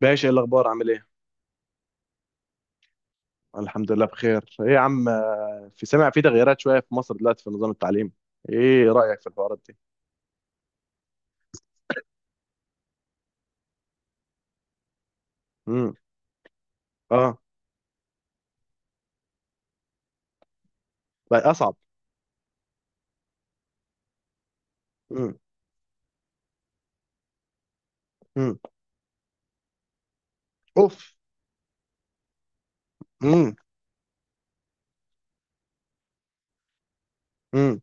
باشا، ايه الاخبار؟ عامل ايه؟ الحمد لله بخير. ايه يا عم؟ في سامع، في تغييرات شويه في مصر دلوقتي في نظام التعليم. ايه رايك في الحوارات دي؟ امم. اه، بقى اصعب؟ امم. امم. اوف. امم. امم.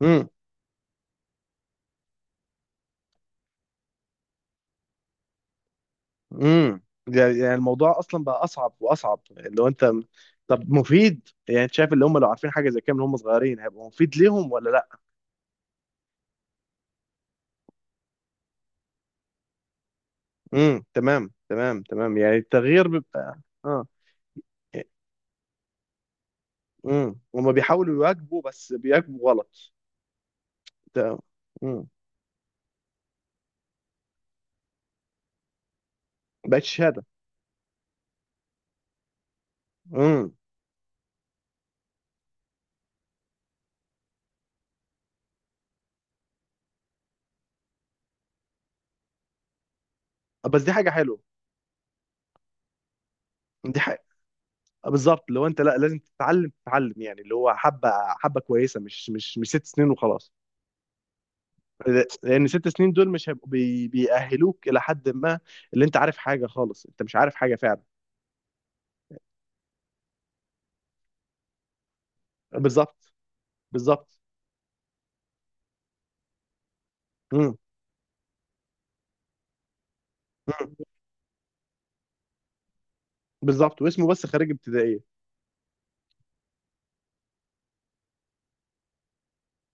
امم. امم. يعني الموضوع اصلا بقى اصعب واصعب لو انت. طب مفيد؟ يعني انت شايف اللي هم لو عارفين حاجه زي كده من هم صغيرين هيبقى مفيد ليهم ولا لا؟ امم. تمام تمام تمام، يعني التغيير بيبقى اه. امم. هم بيحاولوا يواكبوا، بس بيواكبوا غلط. تمام. بقت شهاده؟ امم. بس دي حاجه حلوه. دي حاجه. آه، بالظبط، لو انت، لا، لازم تتعلم تتعلم، يعني اللي هو حبه حبه كويسه، مش ست سنين وخلاص. لان ست سنين دول مش هيبقوا بيأهلوك الى حد ما. اللي انت عارف حاجه خالص، انت مش عارف حاجه فعلا. بالظبط. بالظبط. امم. بالظبط، واسمه بس خريج ابتدائيه.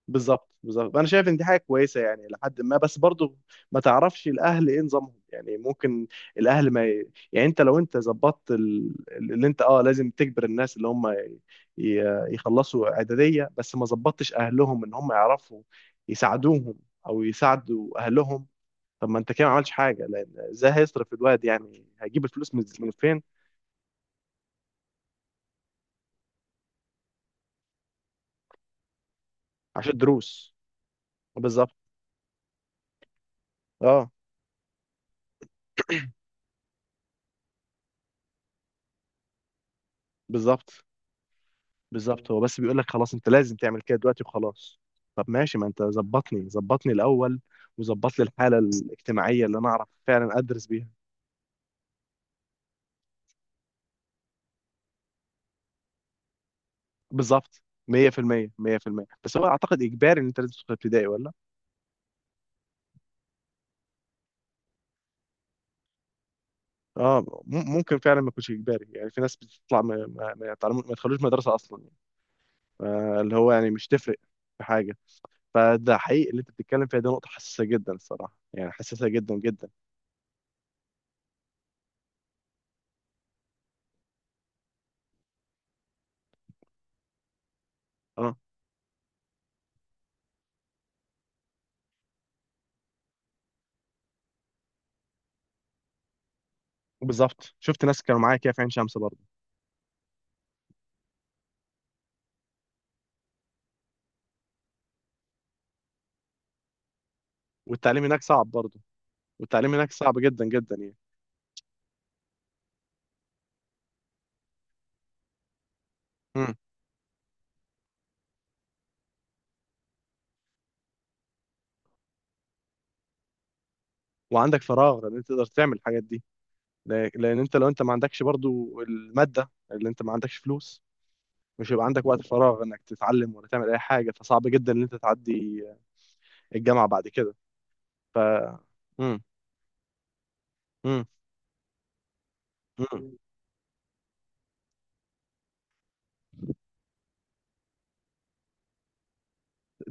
بالظبط، بالظبط، انا شايف ان دي حاجه كويسه يعني لحد ما، بس برضو. ما تعرفش الاهل ايه نظامهم يعني، ممكن. الاهل ما ي... يعني انت لو انت ظبطت اللي انت، لازم تجبر الناس اللي هم يخلصوا اعداديه، بس ما ظبطتش اهلهم ان هم يعرفوا يساعدوهم، او يساعدوا اهلهم. طب ما انت كده ما عملتش حاجه، لان ازاي هيصرف الواد؟ يعني هيجيب الفلوس من فين؟ عشان دروس. بالظبط. اه. بالظبط. بالظبط. هو بس بيقول لك خلاص انت لازم تعمل كده دلوقتي، وخلاص. طب ماشي، ما انت ظبطني ظبطني الاول، وظبط لي الحاله الاجتماعيه اللي انا اعرف فعلا ادرس بيها. بالظبط، 100% 100%. بس هو اعتقد اجباري ان انت لازم تدخل ابتدائي ولا؟ اه، ممكن فعلا ما يكونش اجباري. يعني في ناس بتطلع ما يدخلوش مدرسه اصلا. آه، اللي هو يعني مش تفرق في حاجه. فده حقيقي اللي انت بتتكلم فيها، دي نقطه حساسه جدا الصراحه، يعني حساسه جدا جدا. اه. بالظبط، شفت ناس كانوا معايا كده في عين شمس برضه. والتعليم هناك صعب برضه. والتعليم هناك صعب جدا جدا يعني. مم. وعندك فراغ، لان انت تقدر تعمل الحاجات دي. لان انت لو انت ما عندكش برضو الماده، اللي انت ما عندكش فلوس، مش هيبقى عندك وقت فراغ انك تتعلم ولا تعمل اي حاجه، فصعب جدا ان انت تعدي الجامعه بعد كده. ف مم. مم. مم.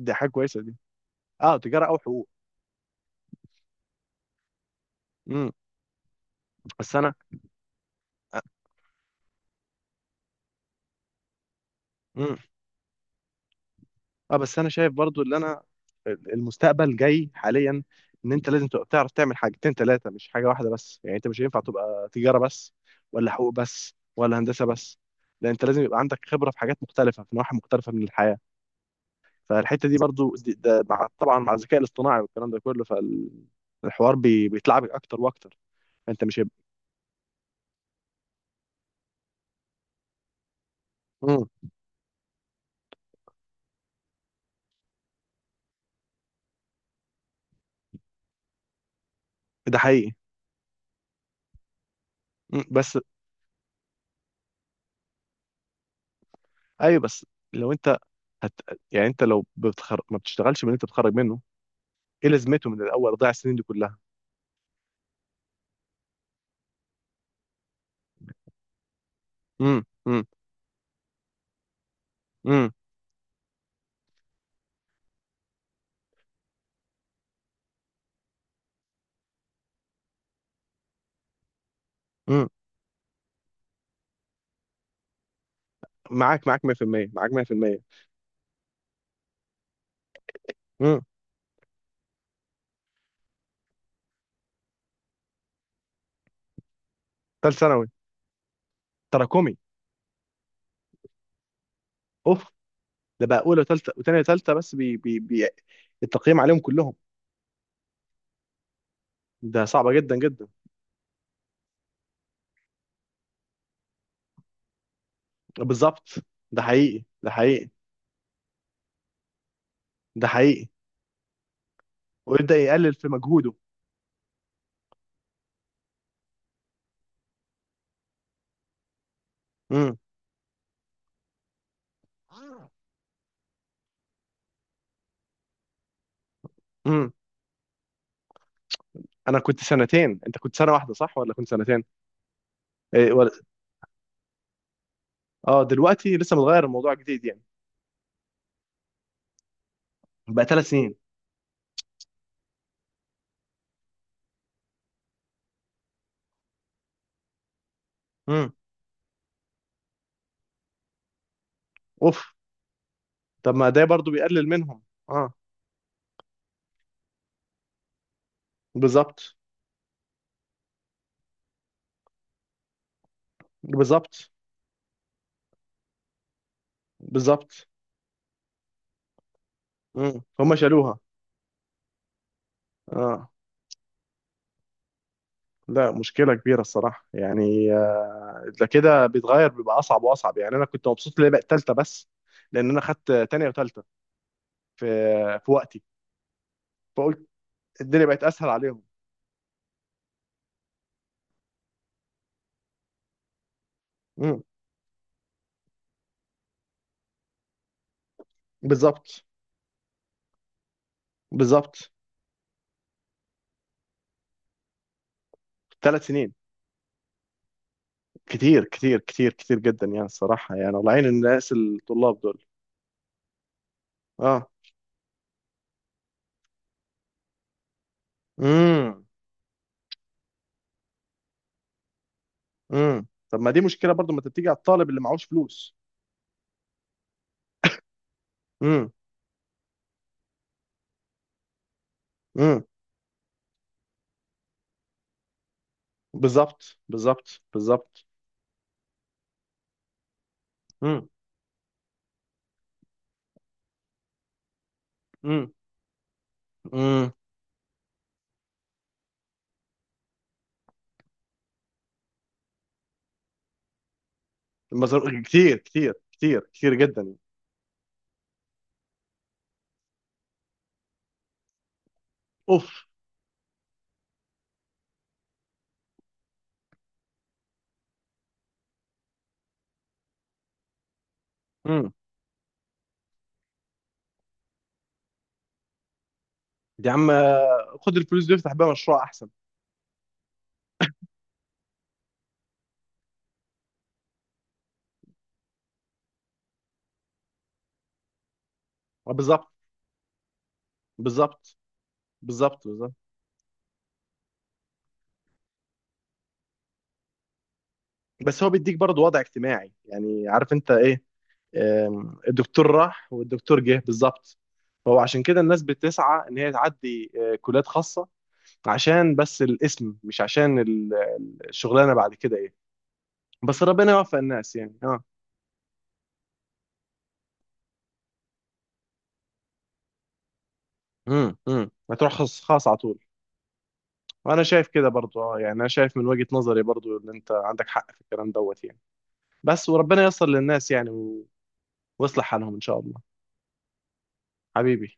دي حاجه كويسه دي. اه، تجاره او حقوق. مم. بس انا. مم. اه، بس انا شايف برضو اللي انا، المستقبل جاي حاليا، ان انت لازم تبقى بتعرف تعمل حاجتين ثلاثه، مش حاجه واحده بس، يعني انت مش هينفع تبقى تجاره بس، ولا حقوق بس، ولا هندسه بس. لان انت لازم يبقى عندك خبره في حاجات مختلفه، في نواحي مختلفه من الحياه. فالحته دي برضو، دي ده، مع طبعا مع الذكاء الاصطناعي والكلام ده كله. فالحوار بيتلعبك اكتر واكتر. انت مش هيبقى. مم. ده حقيقي. مم. بس. ايوه، بس، لو انت، هت... يعني انت ما بتشتغلش من اللي انت بتخرج منه، ايه لازمته من الاول؟ ضيع السنين دي كلها. امم، امم، امم، امم. معاك، معاك 100%، معاك 100%. امم. ثالث ثانوي، تراكمي. اوف. ده بقى اولى وثالثه وثانيه وثالثه، بس بي بي بي التقييم عليهم كلهم. ده صعبه جدا جدا. بالظبط. ده حقيقي، ده حقيقي. ده حقيقي. ويبدا يقلل في مجهوده. امم، امم. انا كنت سنتين. انت كنت سنه واحده، صح؟ ولا كنت سنتين؟ إيه؟ اه، دلوقتي لسه متغير الموضوع، جديد يعني. بقى ثلاث سنين. امم. اوف. طب ما ده برضو بيقلل منهم. اه. بالظبط، بالظبط، بالظبط. مم. هم شالوها. اه. لا، مشكله كبيره الصراحه يعني، آه، ده كده بيتغير بيبقى اصعب واصعب. يعني انا كنت مبسوط اللي هي بقت ثالثه بس، لان انا خدت تانية وثالثه في في وقتي. فقلت، الدنيا بقت اسهل عليهم. مم. بالظبط. بالظبط. ثلاث سنين. كتير كتير كتير كتير جدا يعني الصراحه، يعني الله يعين الناس الطلاب دول. اه. امم، امم. طب ما دي مشكله برضو، ما تبتدي على الطالب اللي معهوش فلوس. امم. امم. بالظبط، بالظبط، بالظبط. امم. امم. كتير كتير كتير كتير جدا يعني. اوف. امم. يا عم، آه، خد الفلوس دي افتح بيها مشروع احسن. آه، بالظبط، بالظبط، بالظبط، بالظبط. بس هو بيديك برضه وضع اجتماعي، يعني عارف انت ايه. آم، الدكتور راح والدكتور جه بالظبط. فهو عشان كده الناس بتسعى ان هي تعدي، آه، كليات خاصة، عشان بس الاسم، مش عشان الشغلانة بعد كده ايه. بس ربنا يوفق الناس يعني، اه. امم، امم، هتروح خاص خاص على طول. وانا شايف كده برضو، يعني انا شايف من وجهة نظري برضو ان انت عندك حق في الكلام دوت يعني. بس وربنا ييسر للناس يعني ويصلح حالهم ان شاء الله. حبيبي.